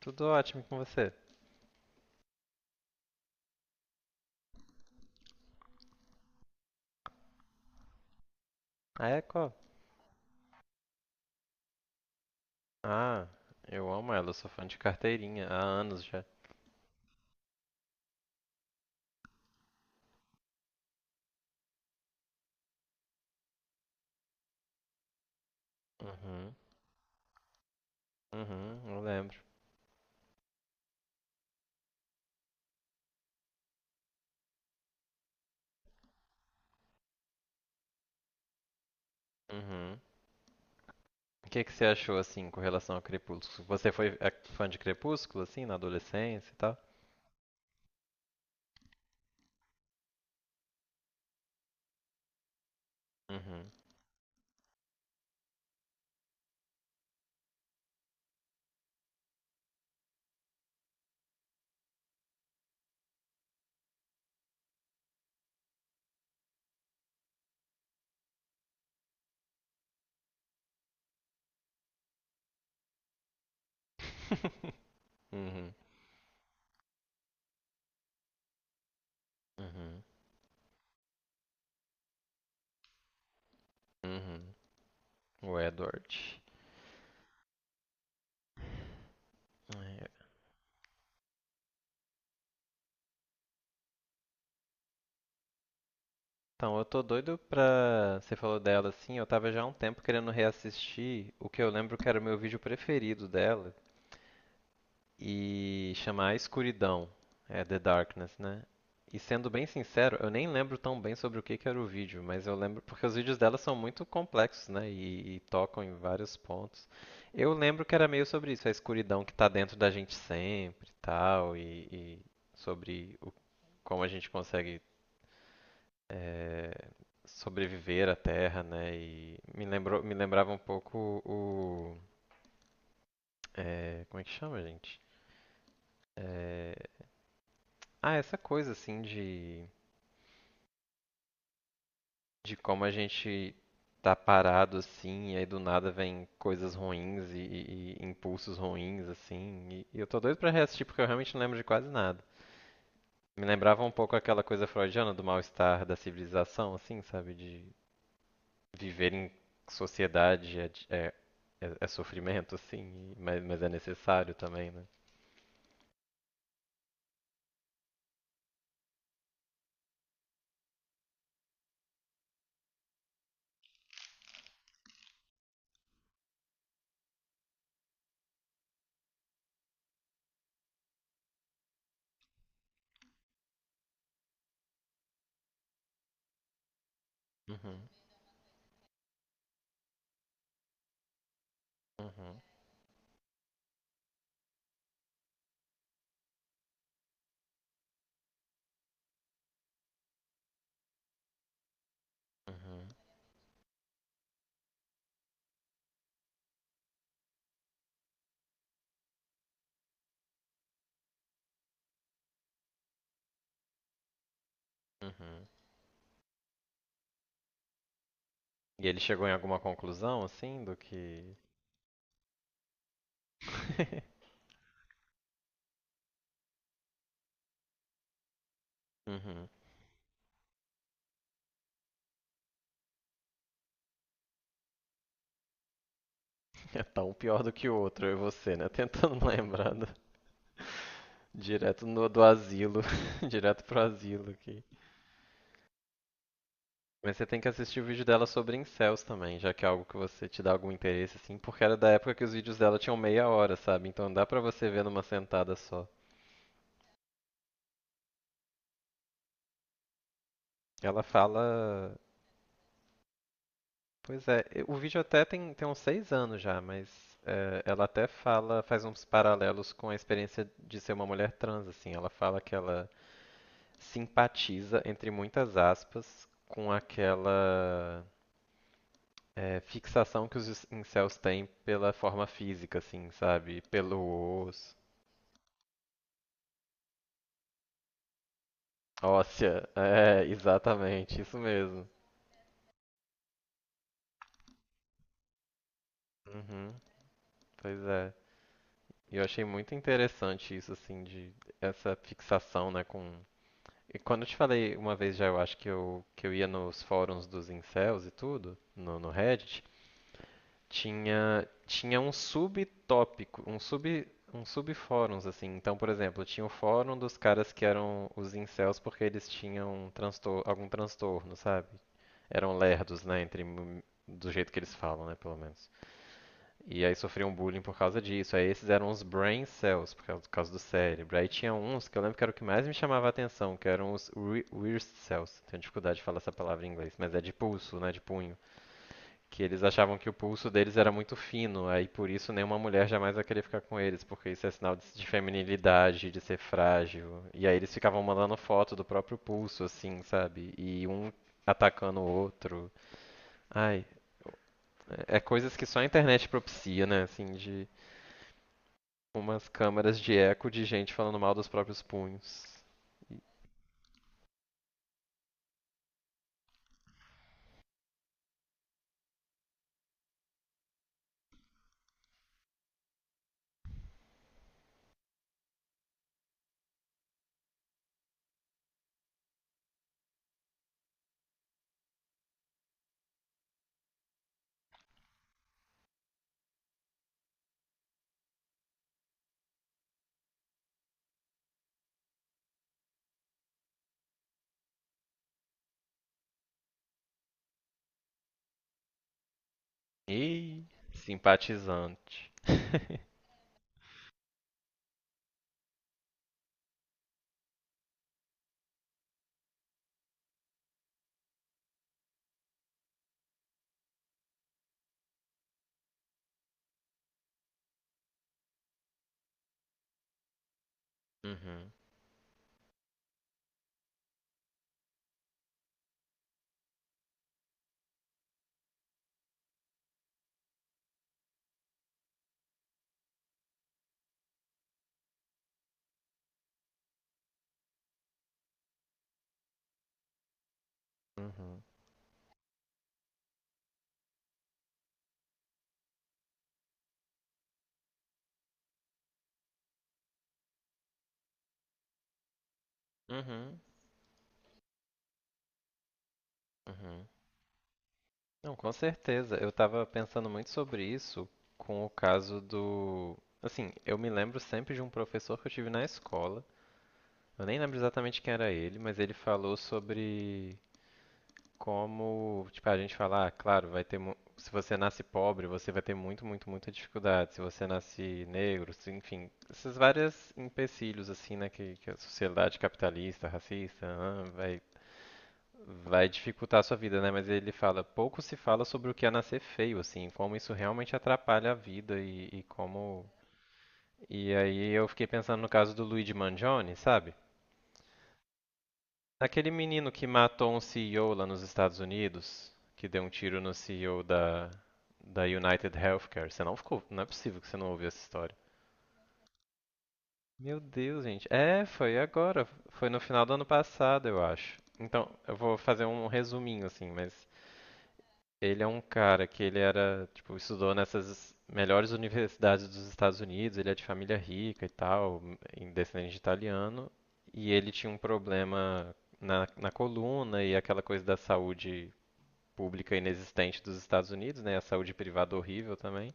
Tudo ótimo com você. A Echo? Ah, eu amo ela, eu sou fã de carteirinha há anos já. Uhum, uhum, eu lembro. Uhum. O que que você achou assim com relação ao Crepúsculo? Você foi fã de Crepúsculo assim na adolescência e tal? Uhum. Uhum, uhum, uhum. O Edward. É. Então, eu tô doido pra. Você falou dela assim, eu tava já há um tempo querendo reassistir o que eu lembro que era o meu vídeo preferido dela, e chamar a escuridão, é The Darkness, né? E sendo bem sincero, eu nem lembro tão bem sobre o que que era o vídeo, mas eu lembro porque os vídeos dela são muito complexos, né? E tocam em vários pontos. Eu lembro que era meio sobre isso, a escuridão que está dentro da gente sempre, e tal, e sobre o, como a gente consegue é, sobreviver à Terra, né? E me lembrou, me lembrava um pouco o, é, como é que chama, gente? É, essa coisa assim de como a gente tá parado assim, e aí do nada vem coisas ruins e impulsos ruins assim. E eu tô doido pra reassistir porque eu realmente não lembro de quase nada. Me lembrava um pouco aquela coisa freudiana do mal-estar da civilização, assim, sabe? De viver em sociedade é, é sofrimento, assim, mas é necessário também, né? Uhum, uhum, uhum, uhum. E ele chegou em alguma conclusão, assim, do que. Uhum. É, tá um pior do que o outro, eu e você, né? Tentando lembrar do- direto no- do asilo, direto pro asilo aqui. Mas você tem que assistir o vídeo dela sobre incels também, já que é algo que você te dá algum interesse, assim, porque era da época que os vídeos dela tinham meia hora, sabe? Então dá pra você ver numa sentada só. Ela fala. Pois é, o vídeo até tem, tem uns 6 anos já, mas é, ela até fala, faz uns paralelos com a experiência de ser uma mulher trans, assim. Ela fala que ela simpatiza, entre muitas aspas, com aquela fixação que os incels têm pela forma física, assim, sabe? Pelo osso. Óssea, é, exatamente, isso mesmo. Uhum, pois é. E eu achei muito interessante isso, assim, de essa fixação, né, com... E quando eu te falei uma vez já, eu acho que eu ia nos fóruns dos incels e tudo, no Reddit. Tinha um subtópico, um subfóruns, assim. Então, por exemplo, tinha o fórum dos caras que eram os incels porque eles tinham transtor algum transtorno, sabe? Eram lerdos, né? Do jeito que eles falam, né? Pelo menos. E aí sofriam bullying por causa disso. Aí esses eram os brain cells, por causa do cérebro. Aí tinha uns que eu lembro que era o que mais me chamava a atenção, que eram os weird cells. Tenho dificuldade de falar essa palavra em inglês, mas é de pulso, né? De punho que eles achavam que o pulso deles era muito fino, aí por isso nenhuma mulher jamais vai querer ficar com eles, porque isso é sinal de feminilidade, de ser frágil. E aí eles ficavam mandando foto do próprio pulso, assim, sabe? E um atacando o outro. Ai, é coisas que só a internet propicia, né? Assim, de umas câmaras de eco de gente falando mal dos próprios punhos. E simpatizante. Uhum, uhum, uhum, uhum. Não, com certeza. Eu tava pensando muito sobre isso com o caso do. Assim, eu me lembro sempre de um professor que eu tive na escola. Eu nem lembro exatamente quem era ele, mas ele falou sobre como, tipo, a gente fala, ah, claro, se você nasce pobre, você vai ter muita dificuldade. Se você nasce negro, enfim, esses vários empecilhos assim, né, que a sociedade capitalista, racista, ah, vai dificultar a sua vida, né? Mas ele fala, pouco se fala sobre o que é nascer feio, assim, como isso realmente atrapalha a vida e como. E aí eu fiquei pensando no caso do Luigi Mangione, sabe? Aquele menino que matou um CEO lá nos Estados Unidos, que deu um tiro no CEO da United Healthcare. Você não ficou, não é possível que você não ouviu essa história. Meu Deus, gente. É, foi agora. Foi no final do ano passado, eu acho. Então, eu vou fazer um resuminho, assim, mas ele é um cara que ele era, tipo, estudou nessas melhores universidades dos Estados Unidos, ele é de família rica e tal, descendente de italiano, e ele tinha um problema na coluna e aquela coisa da saúde pública inexistente dos Estados Unidos, né? A saúde privada horrível também.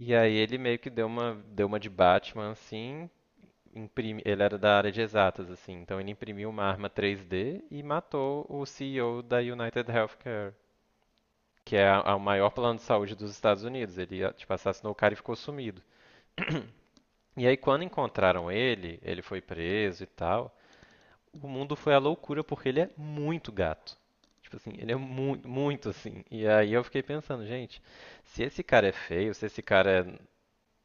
E aí ele meio que deu uma de Batman assim, ele era da área de exatas assim, então ele imprimiu uma arma 3D e matou o CEO da United Healthcare que é o maior plano de saúde dos Estados Unidos. Ele, ah, tipo, assassinou o cara e ficou sumido. E aí, quando encontraram ele, ele foi preso e tal. O mundo foi à loucura porque ele é muito gato. Tipo assim, ele é muito assim. E aí eu fiquei pensando, gente, se esse cara é feio, se esse cara é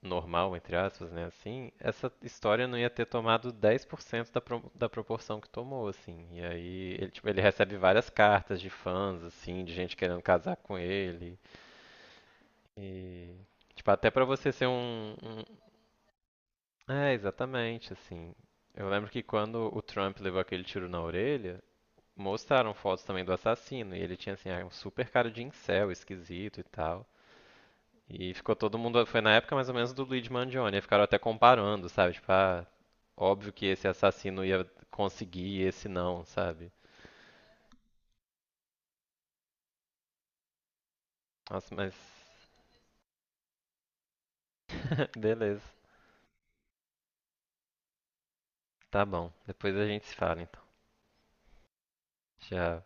normal, entre aspas, né, assim, essa história não ia ter tomado 10% da proporção que tomou, assim. E aí ele, tipo, ele recebe várias cartas de fãs, assim, de gente querendo casar com ele. E, tipo, até pra você ser um- É, exatamente, assim. Eu lembro que quando o Trump levou aquele tiro na orelha, mostraram fotos também do assassino. E ele tinha, assim, ah, um super cara de incel, esquisito e tal. E ficou todo mundo. Foi na época mais ou menos do Luigi Mangione. E ficaram até comparando, sabe? Tipo, ah, óbvio que esse assassino ia conseguir e esse não, sabe? Nossa, mas. Beleza, tá bom. Depois a gente se fala, então. Já